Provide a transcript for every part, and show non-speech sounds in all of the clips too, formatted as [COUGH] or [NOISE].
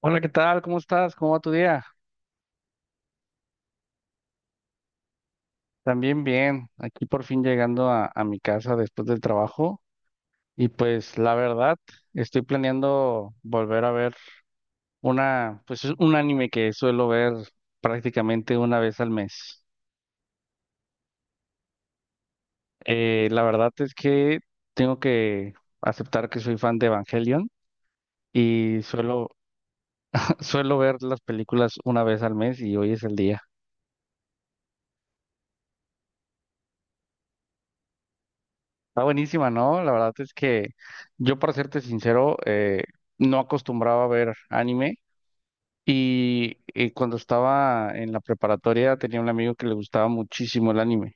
Hola, ¿qué tal? ¿Cómo estás? ¿Cómo va tu día? También bien, aquí por fin llegando a mi casa después del trabajo y pues la verdad estoy planeando volver a ver una, pues es un anime que suelo ver prácticamente una vez al mes. La verdad es que tengo que aceptar que soy fan de Evangelion y suelo, [LAUGHS] suelo ver las películas una vez al mes y hoy es el día. Está buenísima, ¿no? La verdad es que yo, para serte sincero, no acostumbraba a ver anime y, cuando estaba en la preparatoria tenía un amigo que le gustaba muchísimo el anime.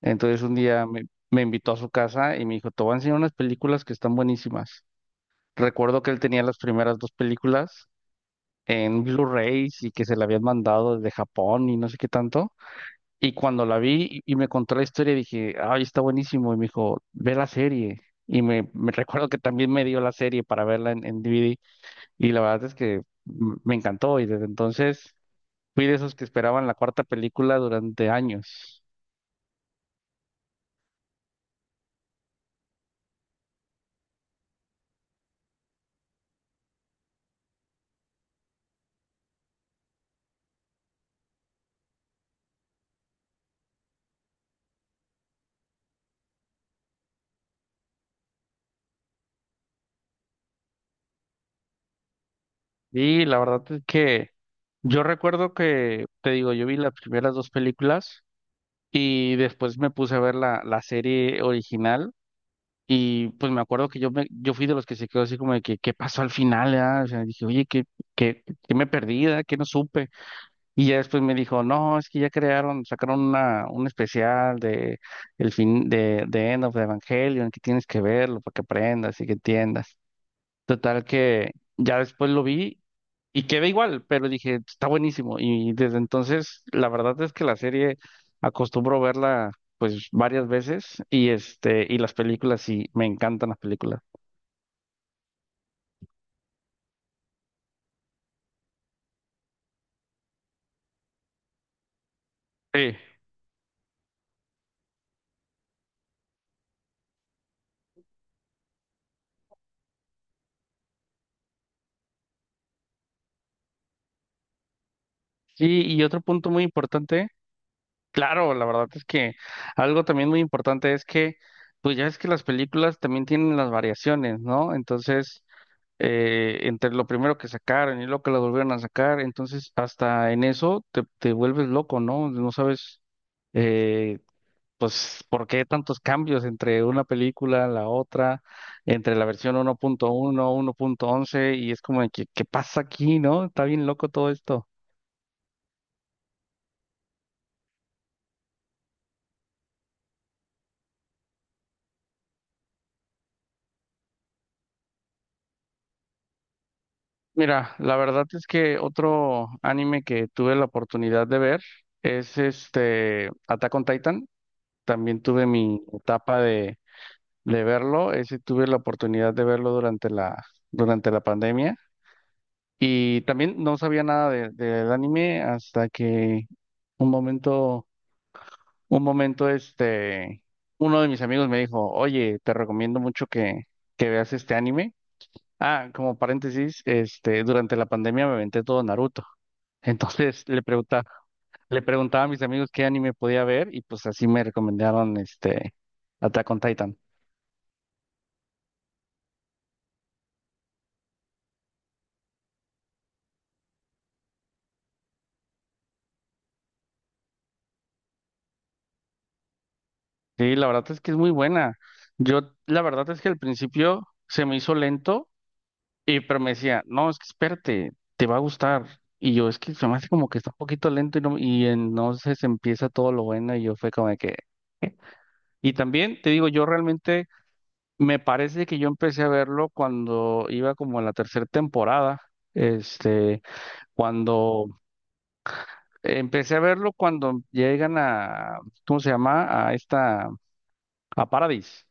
Entonces un día me invitó a su casa y me dijo, te voy a enseñar unas películas que están buenísimas. Recuerdo que él tenía las primeras dos películas en Blu-rays y que se le habían mandado desde Japón y no sé qué tanto. Y cuando la vi y me contó la historia, dije, ay, está buenísimo. Y me dijo, ve la serie. Y me [LAUGHS] recuerdo que también me dio la serie para verla en DVD. Y la verdad es que me encantó. Y desde entonces fui de esos que esperaban la cuarta película durante años. Y la verdad es que yo recuerdo que, te digo, yo vi las primeras dos películas y después me puse a ver la serie original. Y pues me acuerdo que yo fui de los que se quedó así como de que, ¿qué pasó al final? Ah? O sea, dije, oye, qué, ¿qué me perdí? Ah? ¿Qué no supe? Y ya después me dijo, no, es que ya crearon, sacaron un especial de el fin de End of Evangelion, que tienes que verlo para que aprendas y que entiendas. Total que ya después lo vi y quedé igual, pero dije, está buenísimo. Y desde entonces, la verdad es que la serie acostumbro verla pues varias veces y este, y las películas sí, me encantan las películas. Sí. Sí, y otro punto muy importante, claro, la verdad es que algo también muy importante es que, pues ya es que las películas también tienen las variaciones, ¿no? Entonces, entre lo primero que sacaron y lo que lo volvieron a sacar, entonces hasta en eso te vuelves loco, ¿no? No sabes, eh, pues, por qué tantos cambios entre una película, la otra, entre la versión 1.1, 1.11, y es como de que, ¿qué pasa aquí, no? Está bien loco todo esto. Mira, la verdad es que otro anime que tuve la oportunidad de ver es este Attack on Titan. También tuve mi etapa de verlo. Ese tuve la oportunidad de verlo durante durante la pandemia. Y también no sabía nada del anime hasta que un momento, un momento, este, uno de mis amigos me dijo, oye, te recomiendo mucho que veas este anime. Ah, como paréntesis, este, durante la pandemia me aventé todo Naruto. [LAUGHS] Entonces le preguntaba a mis amigos qué anime podía ver y pues así me recomendaron este Attack on Titan. Sí, la verdad es que es muy buena. Yo, la verdad es que al principio se me hizo lento, y pero me decía, no, es que espérate, te va a gustar. Y yo, es que se me hace como que está un poquito lento y, y entonces empieza todo lo bueno y yo fue como de que... Y también te digo, yo realmente me parece que yo empecé a verlo cuando iba como en la tercera temporada, este, cuando empecé a verlo cuando llegan a, ¿cómo se llama? A esta, a Paradis.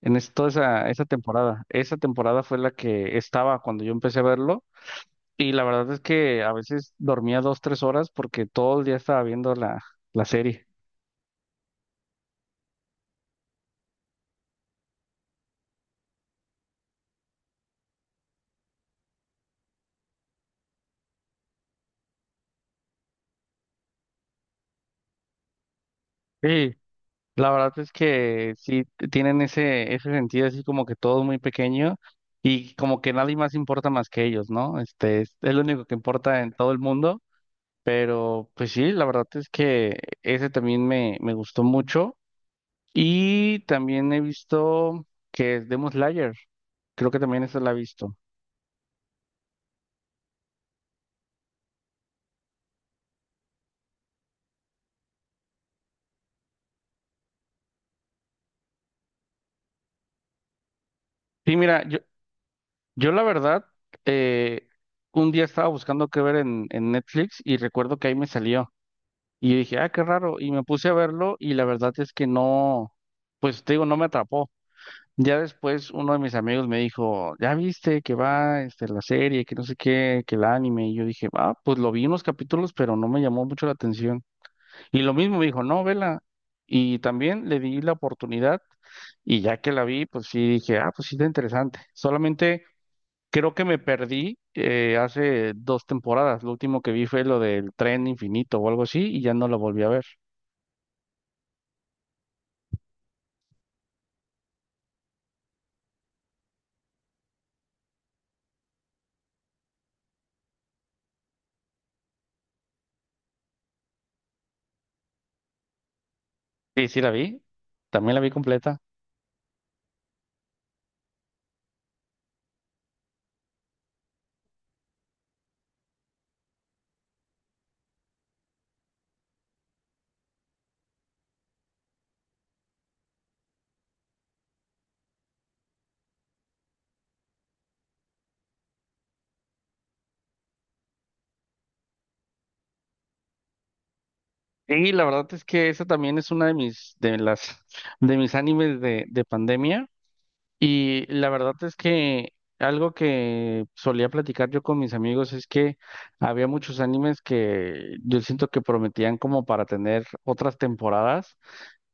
Toda esa, esa temporada. Esa temporada fue la que estaba cuando yo empecé a verlo y la verdad es que a veces dormía 2, 3 horas porque todo el día estaba viendo la serie. Sí. La verdad es que sí tienen ese, ese sentido así como que todo muy pequeño y como que nadie más importa más que ellos, ¿no? Este es lo único que importa en todo el mundo. Pero pues sí, la verdad es que ese también me gustó mucho. Y también he visto que es Demon Slayer. Creo que también esa la he visto. Sí, mira, yo la verdad, eh, un día estaba buscando qué ver en Netflix y recuerdo que ahí me salió. Y dije, ah, qué raro. Y me puse a verlo y la verdad es que no, pues te digo, no me atrapó. Ya después uno de mis amigos me dijo, ya viste que va este, la serie, que no sé qué, que el anime. Y yo dije, ah, pues lo vi unos capítulos, pero no me llamó mucho la atención. Y lo mismo me dijo, no, vela. Y también le di la oportunidad y ya que la vi, pues sí dije, ah, pues sí está interesante. Solamente creo que me perdí hace dos temporadas. Lo último que vi fue lo del tren infinito o algo así y ya no la volví a ver. Sí, sí la vi. También la vi completa. Y la verdad es que esa también es una de mis, de las, de mis animes de pandemia. Y la verdad es que algo que solía platicar yo con mis amigos es que había muchos animes que yo siento que prometían como para tener otras temporadas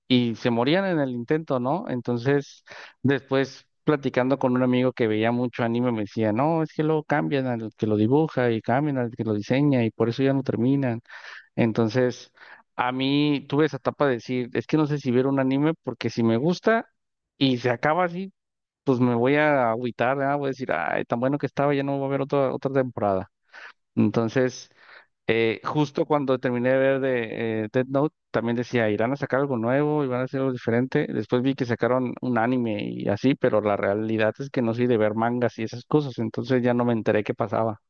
y se morían en el intento, ¿no? Entonces, después platicando con un amigo que veía mucho anime me decía, no, es que luego cambian al que lo dibuja y cambian al que lo diseña y por eso ya no terminan. Entonces, a mí tuve esa etapa de decir, es que no sé si ver un anime porque si me gusta... Y se acaba así pues me voy a agüitar, ¿verdad? Voy a decir, ay, tan bueno que estaba, ya no va a haber otra temporada. Entonces, justo cuando terminé de ver de Death Note, también decía, irán a sacar algo nuevo, van a hacer algo diferente. Después vi que sacaron un anime y así, pero la realidad es que no soy de ver mangas y esas cosas, entonces ya no me enteré qué pasaba.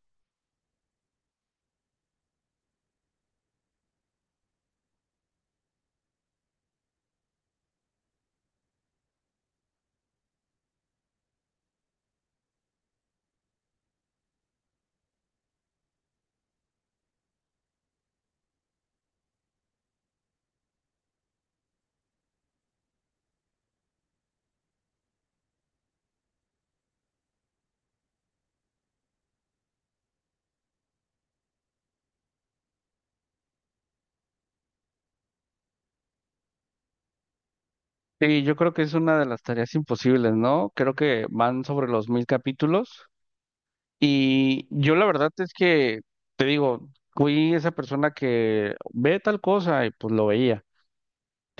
Sí, yo creo que es una de las tareas imposibles, ¿no? Creo que van sobre los 1000 capítulos. Y yo la verdad es que, te digo, fui esa persona que ve tal cosa y pues lo veía.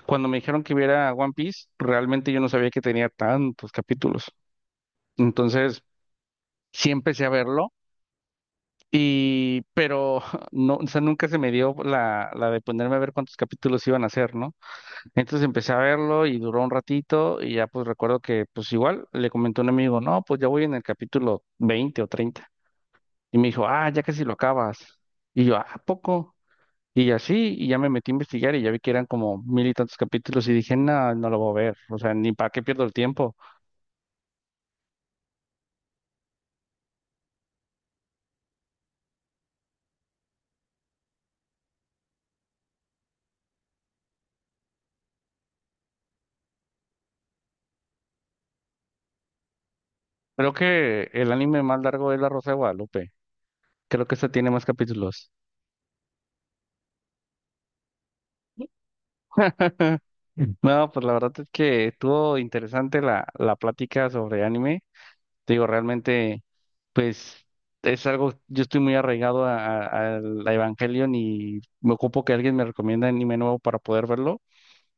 Cuando me dijeron que viera One Piece, realmente yo no sabía que tenía tantos capítulos. Entonces, sí empecé a verlo y, pero [LAUGHS] no, o sea, nunca se me dio la de ponerme a ver cuántos capítulos iban a hacer, ¿no? Entonces empecé a verlo y duró un ratito y ya pues recuerdo que pues igual le comenté a un amigo, no, pues ya voy en el capítulo 20 o 30. Y me dijo, ah, ya casi lo acabas. Y yo, ah, ¿a poco? Y así, y ya me metí a investigar y ya vi que eran como mil y tantos capítulos y dije, no, no lo voy a ver, o sea, ni para qué pierdo el tiempo. Creo que el anime más largo es La Rosa de Guadalupe. Creo que este tiene más capítulos. [LAUGHS] No, pues la verdad es que estuvo interesante la plática sobre anime. Te digo, realmente, pues es algo, yo estoy muy arraigado al Evangelion y me ocupo que alguien me recomienda anime nuevo para poder verlo.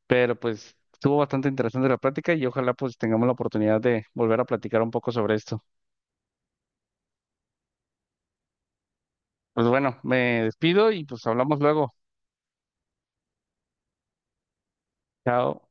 Pero pues estuvo bastante interesante la plática y ojalá pues tengamos la oportunidad de volver a platicar un poco sobre esto. Pues bueno, me despido y pues hablamos luego. Chao.